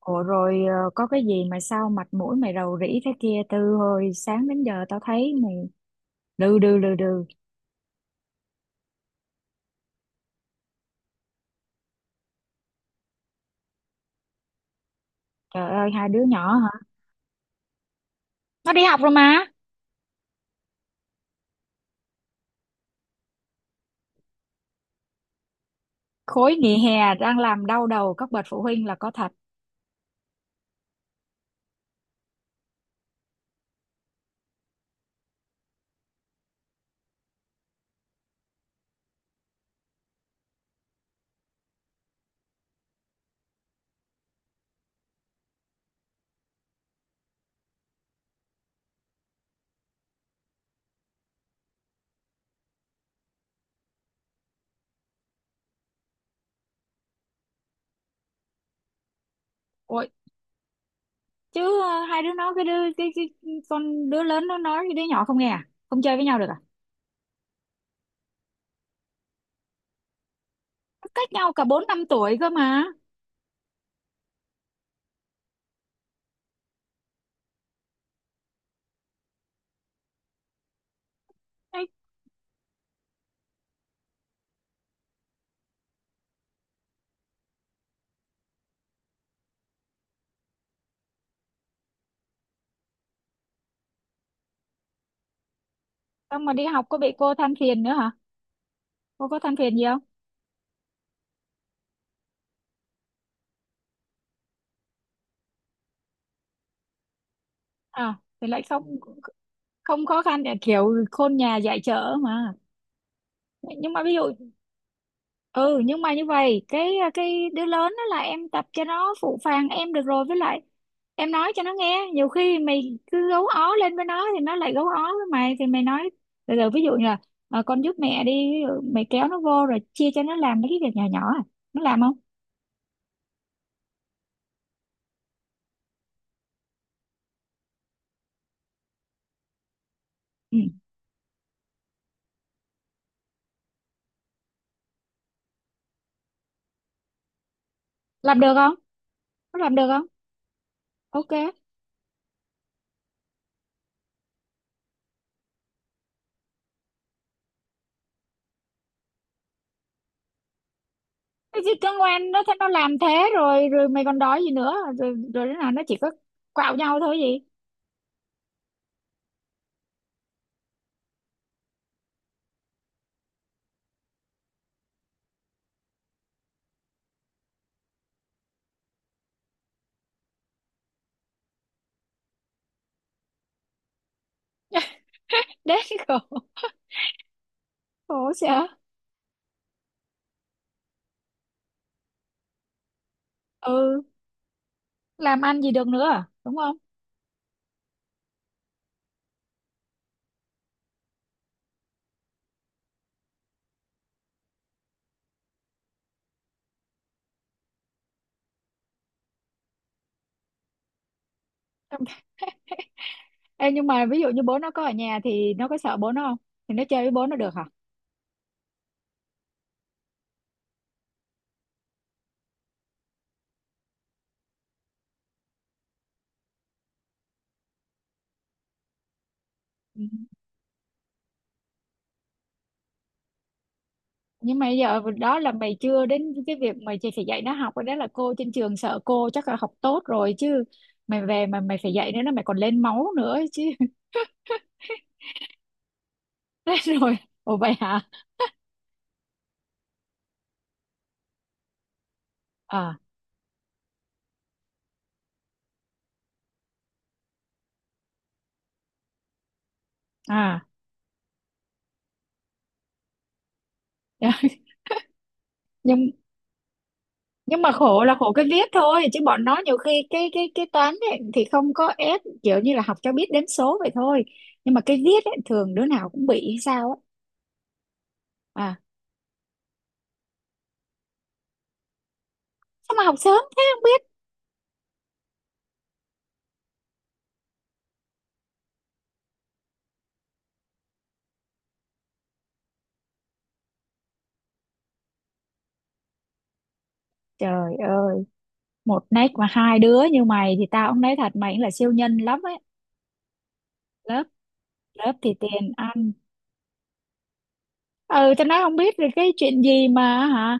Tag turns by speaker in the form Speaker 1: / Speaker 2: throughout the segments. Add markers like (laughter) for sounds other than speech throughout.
Speaker 1: Ủa rồi có cái gì mà sao mặt mũi mày rầu rĩ thế kia? Từ hồi sáng đến giờ tao thấy mày đừ đừ đừ đừ. Trời ơi, hai đứa nhỏ hả? Nó đi học rồi mà. Khối nghỉ hè đang làm đau đầu các bậc phụ huynh là có thật. Ôi, chứ hai đứa nó cái đứa lớn nó nói với đứa nhỏ không nghe à? Không chơi với nhau được à? Nó cách nhau cả bốn năm tuổi cơ mà. Ê, xong mà đi học có bị cô than phiền nữa hả? Cô có than phiền gì không? À thì lại không không khó khăn, kiểu khôn nhà dạy chợ mà. Nhưng mà ví dụ, ừ, nhưng mà như vậy cái đứa lớn đó là em tập cho nó phụ phàng em được rồi, với lại em nói cho nó nghe. Nhiều khi mày cứ gấu ó lên với nó thì nó lại gấu ó với mày, thì mày nói từ từ, ví dụ như là "Ờ, con giúp mẹ đi". Ví dụ mày kéo nó vô rồi chia cho nó làm mấy cái việc nhỏ nhỏ à. Nó làm không? Ừ. Làm được không? Nó làm được không? Ok. Thế chứ cứ ngoan, nó thế nó làm thế rồi, rồi mày còn đòi gì nữa? Rồi rồi đứa nào nó chỉ có quạo nhau thôi gì. (laughs) Đấy, khổ, khổ sợ. Ừ, làm ăn gì được nữa à? Đúng không? (laughs) Em nhưng mà ví dụ như bố nó có ở nhà thì nó có sợ bố nó không? Thì nó chơi với bố nó được hả? Ừ. Nhưng mà bây giờ đó là mày chưa đến cái việc mày chỉ phải dạy nó học. Cái đó là cô trên trường, sợ cô chắc là học tốt rồi chứ. Mày về mà mày phải dạy nữa là mày còn lên máu nữa ấy chứ. (laughs) Thế rồi, ồ vậy hả? À, à. (laughs) nhưng nhưng mà khổ là khổ cái viết thôi, chứ bọn nó nhiều khi cái toán ấy, thì không có ép, kiểu như là học cho biết đếm số vậy thôi. Nhưng mà cái viết ấy, thường đứa nào cũng bị hay sao á. À, sao mà học sớm thế không biết. Trời ơi, một nách mà hai đứa như mày thì tao cũng nói thật, mày cũng là siêu nhân lắm ấy. Lớp, lớp thì tiền ăn, ừ tao nói không biết được cái chuyện gì mà hả.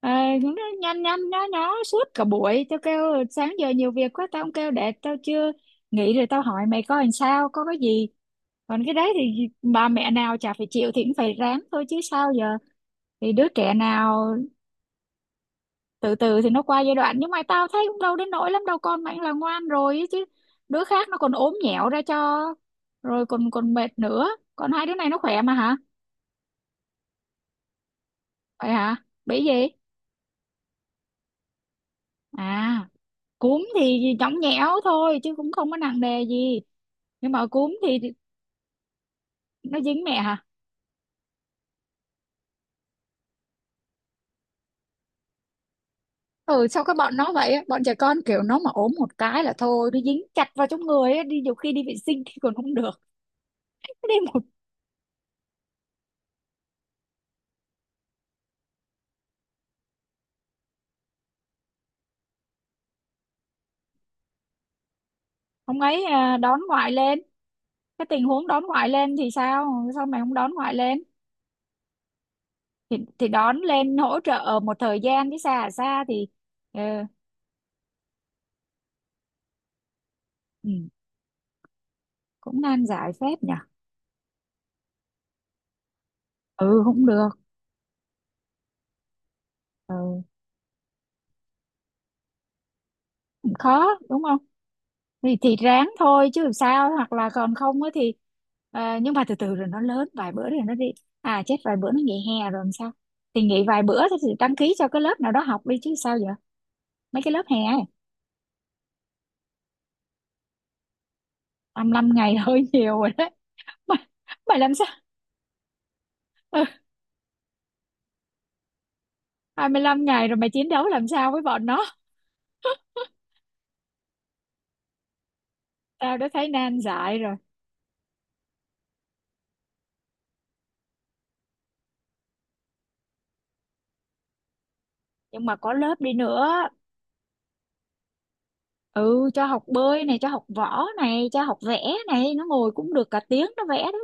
Speaker 1: ờ, nó nhăn nhăn nhó nhó suốt cả buổi, tao kêu sáng giờ nhiều việc quá tao không kêu, để tao chưa, nghỉ rồi tao hỏi mày coi làm sao, có cái gì. Còn cái đấy thì bà mẹ nào chả phải chịu, thì cũng phải ráng thôi chứ sao giờ. Thì đứa trẻ nào, từ từ thì nó qua giai đoạn. Nhưng mà tao thấy cũng đâu đến nỗi lắm đâu, con mày là ngoan rồi ấy chứ. Đứa khác nó còn ốm nhẹo ra cho, rồi còn còn mệt nữa. Còn hai đứa này nó khỏe mà hả? Vậy hả? Bị gì? À, cúm thì nhõng nhẽo thôi chứ cũng không có nặng nề gì. Nhưng mà cúm thì nó dính mẹ hả. Ừ, sao các bọn nó vậy á? Bọn trẻ con kiểu nó mà ốm một cái là thôi, nó dính chặt vào trong người á, đi nhiều khi đi vệ sinh thì còn không được. Nó đi một ông ấy à, đón ngoại lên. Cái tình huống đón ngoại lên thì sao, sao mày không đón ngoại lên? Thì đón lên hỗ trợ một thời gian chứ, xa à, xa thì ờ, ừ, cũng nan giải phép nhỉ. Ừ cũng được, ừ, cũng khó đúng không? Thì thì ráng thôi chứ làm sao, hoặc là còn không á thì nhưng mà từ từ rồi nó lớn, vài bữa rồi nó đi. À chết, vài bữa nó nghỉ hè rồi làm sao? Thì nghỉ vài bữa thì đăng ký cho cái lớp nào đó học đi chứ sao giờ. Mấy cái lớp hè. 25 ngày (laughs) hơi nhiều rồi đấy. mày, mày làm sao 25 ngày rồi mày chiến đấu làm sao với bọn nó? Tao đã thấy nan giải rồi. Nhưng mà có lớp đi nữa, ừ, cho học bơi này, cho học võ này, cho học vẽ này, nó ngồi cũng được cả tiếng nó vẽ đấy.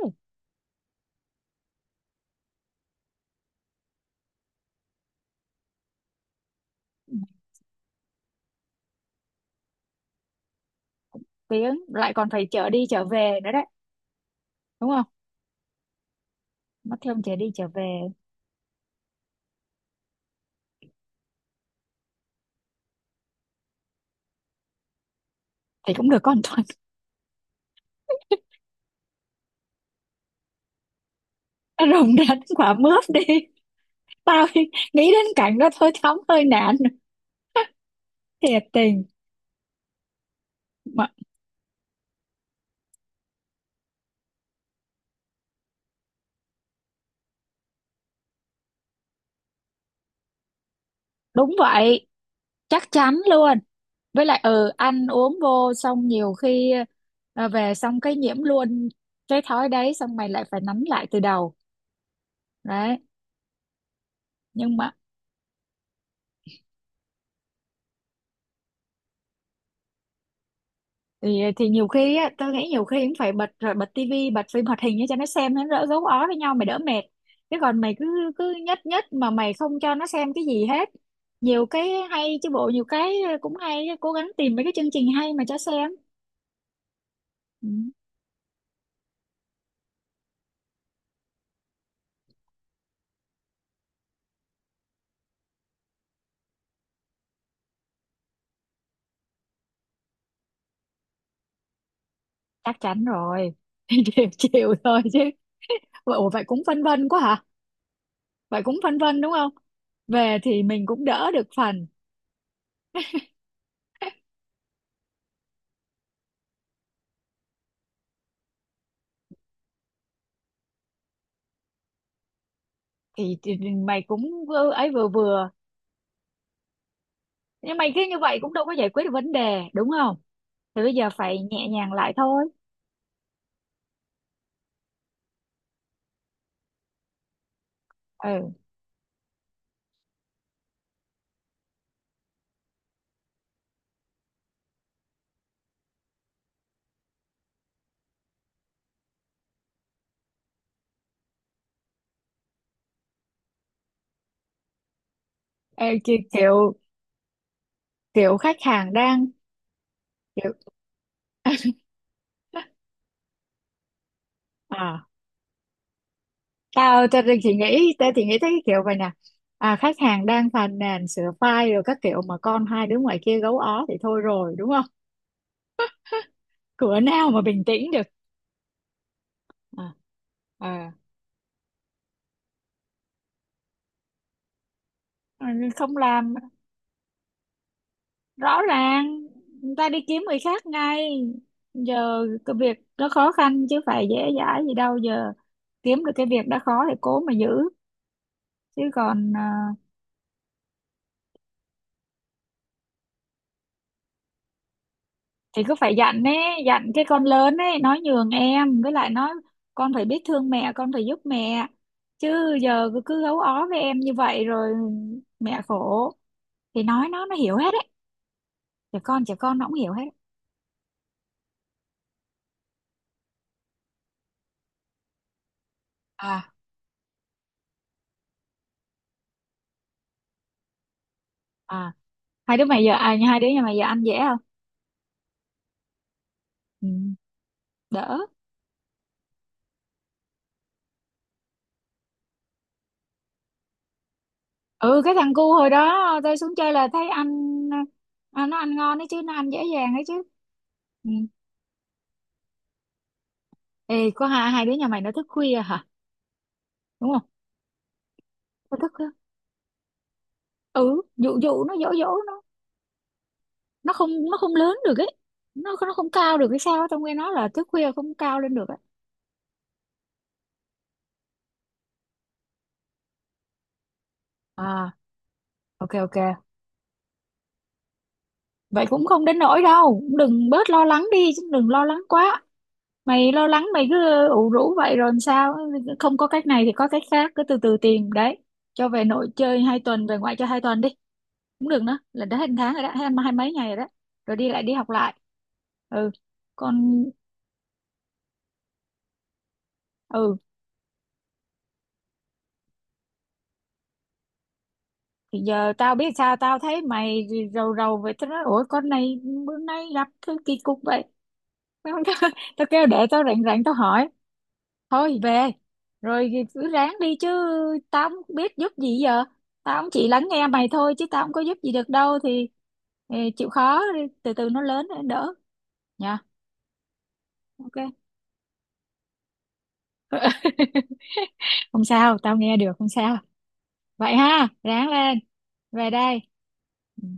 Speaker 1: Tiếng lại còn phải chở đi chở về nữa đấy, đúng không? Nó thêm chở đi chở về. Thì cũng được con Thuận. (laughs) Nó rồng đến quả mướp đi. Tao nghĩ đến cảnh đó thôi thấm hơi nản, thiệt tình mà. Đúng vậy, chắc chắn luôn. Với lại ừ ăn uống vô xong nhiều khi về xong cái nhiễm luôn cái thói đấy, xong mày lại phải nắn lại từ đầu. Đấy, nhưng mà thì nhiều khi á tao nghĩ nhiều khi cũng phải bật, rồi bật tivi, bật phim hoạt hình cho nó xem, nó đỡ gấu ó với nhau, mày đỡ mệt. Chứ còn mày cứ cứ nhất nhất mà mày không cho nó xem cái gì hết. Nhiều cái hay chứ bộ, nhiều cái cũng hay, cố gắng tìm mấy cái chương trình hay mà cho xem. Ừ, chắc chắn rồi. (laughs) Chịu chịu thôi chứ. Ủa vậy cũng phân vân quá hả? Vậy cũng phân vân đúng không? Về thì mình cũng đỡ được phần. Thì mày cũng ấy, vừa vừa. Nhưng mày cứ như vậy cũng đâu có giải quyết được vấn đề đúng không? Thì bây giờ phải nhẹ nhàng lại thôi. Ừ. Kiểu, kiểu khách hàng đang, kiểu (laughs) à, tao tao thì nghĩ, tao thì nghĩ thấy cái kiểu vậy nè. À, khách hàng đang phàn nàn sửa file rồi các kiểu mà con hai đứa ngoài kia gấu ó thì thôi rồi đúng không? Cửa nào mà bình tĩnh được. À. Ờ, ờ, không làm, rõ ràng người ta đi kiếm người khác ngay. Giờ cái việc nó khó khăn chứ phải dễ dãi gì đâu giờ. Kiếm được cái việc đã khó thì cố mà giữ, chứ còn à, thì cứ phải dặn ấy, dặn cái con lớn ấy, nói nhường em, với lại nói con phải biết thương mẹ, con phải giúp mẹ, chứ giờ cứ cứ gấu ó với em như vậy rồi mẹ khổ. Thì nói nó hiểu hết đấy, trẻ con nó cũng hiểu hết. À, à, hai đứa mày giờ, à hai đứa nhà mày giờ ăn dễ không? Ừ, đỡ. Ừ, cái thằng cu hồi đó tôi xuống chơi là thấy anh, à, nó ăn ngon đấy chứ, nó ăn dễ dàng đấy chứ. Ừ. Ê có hai hai đứa nhà mày nó thức khuya hả? Đúng không? Nó thức khuya. Ừ, dụ dụ nó, dỗ dỗ nó. Nó không, nó không lớn được ấy. Nó không cao được cái sao á. Tao nghe nói là thức khuya không cao lên được ấy. À, ok ok, vậy cũng không đến nỗi đâu, cũng đừng, bớt lo lắng đi chứ, đừng lo lắng quá. Mày lo lắng mày cứ ủ rũ vậy rồi làm sao. Không có cách này thì có cách khác, cứ từ từ tìm đấy. Cho về nội chơi hai tuần, về ngoại chơi hai tuần đi, cũng được. Nữa là đã hết một tháng rồi đó, hết hai mấy ngày rồi đó, rồi đi lại, đi học lại. Ừ, con. Ừ thì giờ tao biết sao, tao thấy mày rầu rầu vậy tao nói, ủa con này bữa nay gặp cái kỳ cục vậy. (laughs) Tao kêu để tao rảnh rảnh tao hỏi. Thôi về rồi thì cứ ráng đi chứ, tao không biết giúp gì giờ. Tao cũng chỉ lắng nghe mày thôi chứ tao không có giúp gì được đâu. Thì chịu khó đi, từ từ nó lớn nó đỡ nha. Ok. (laughs) Không sao, tao nghe được, không sao. Vậy ha, ráng lên, về đây. Ừ.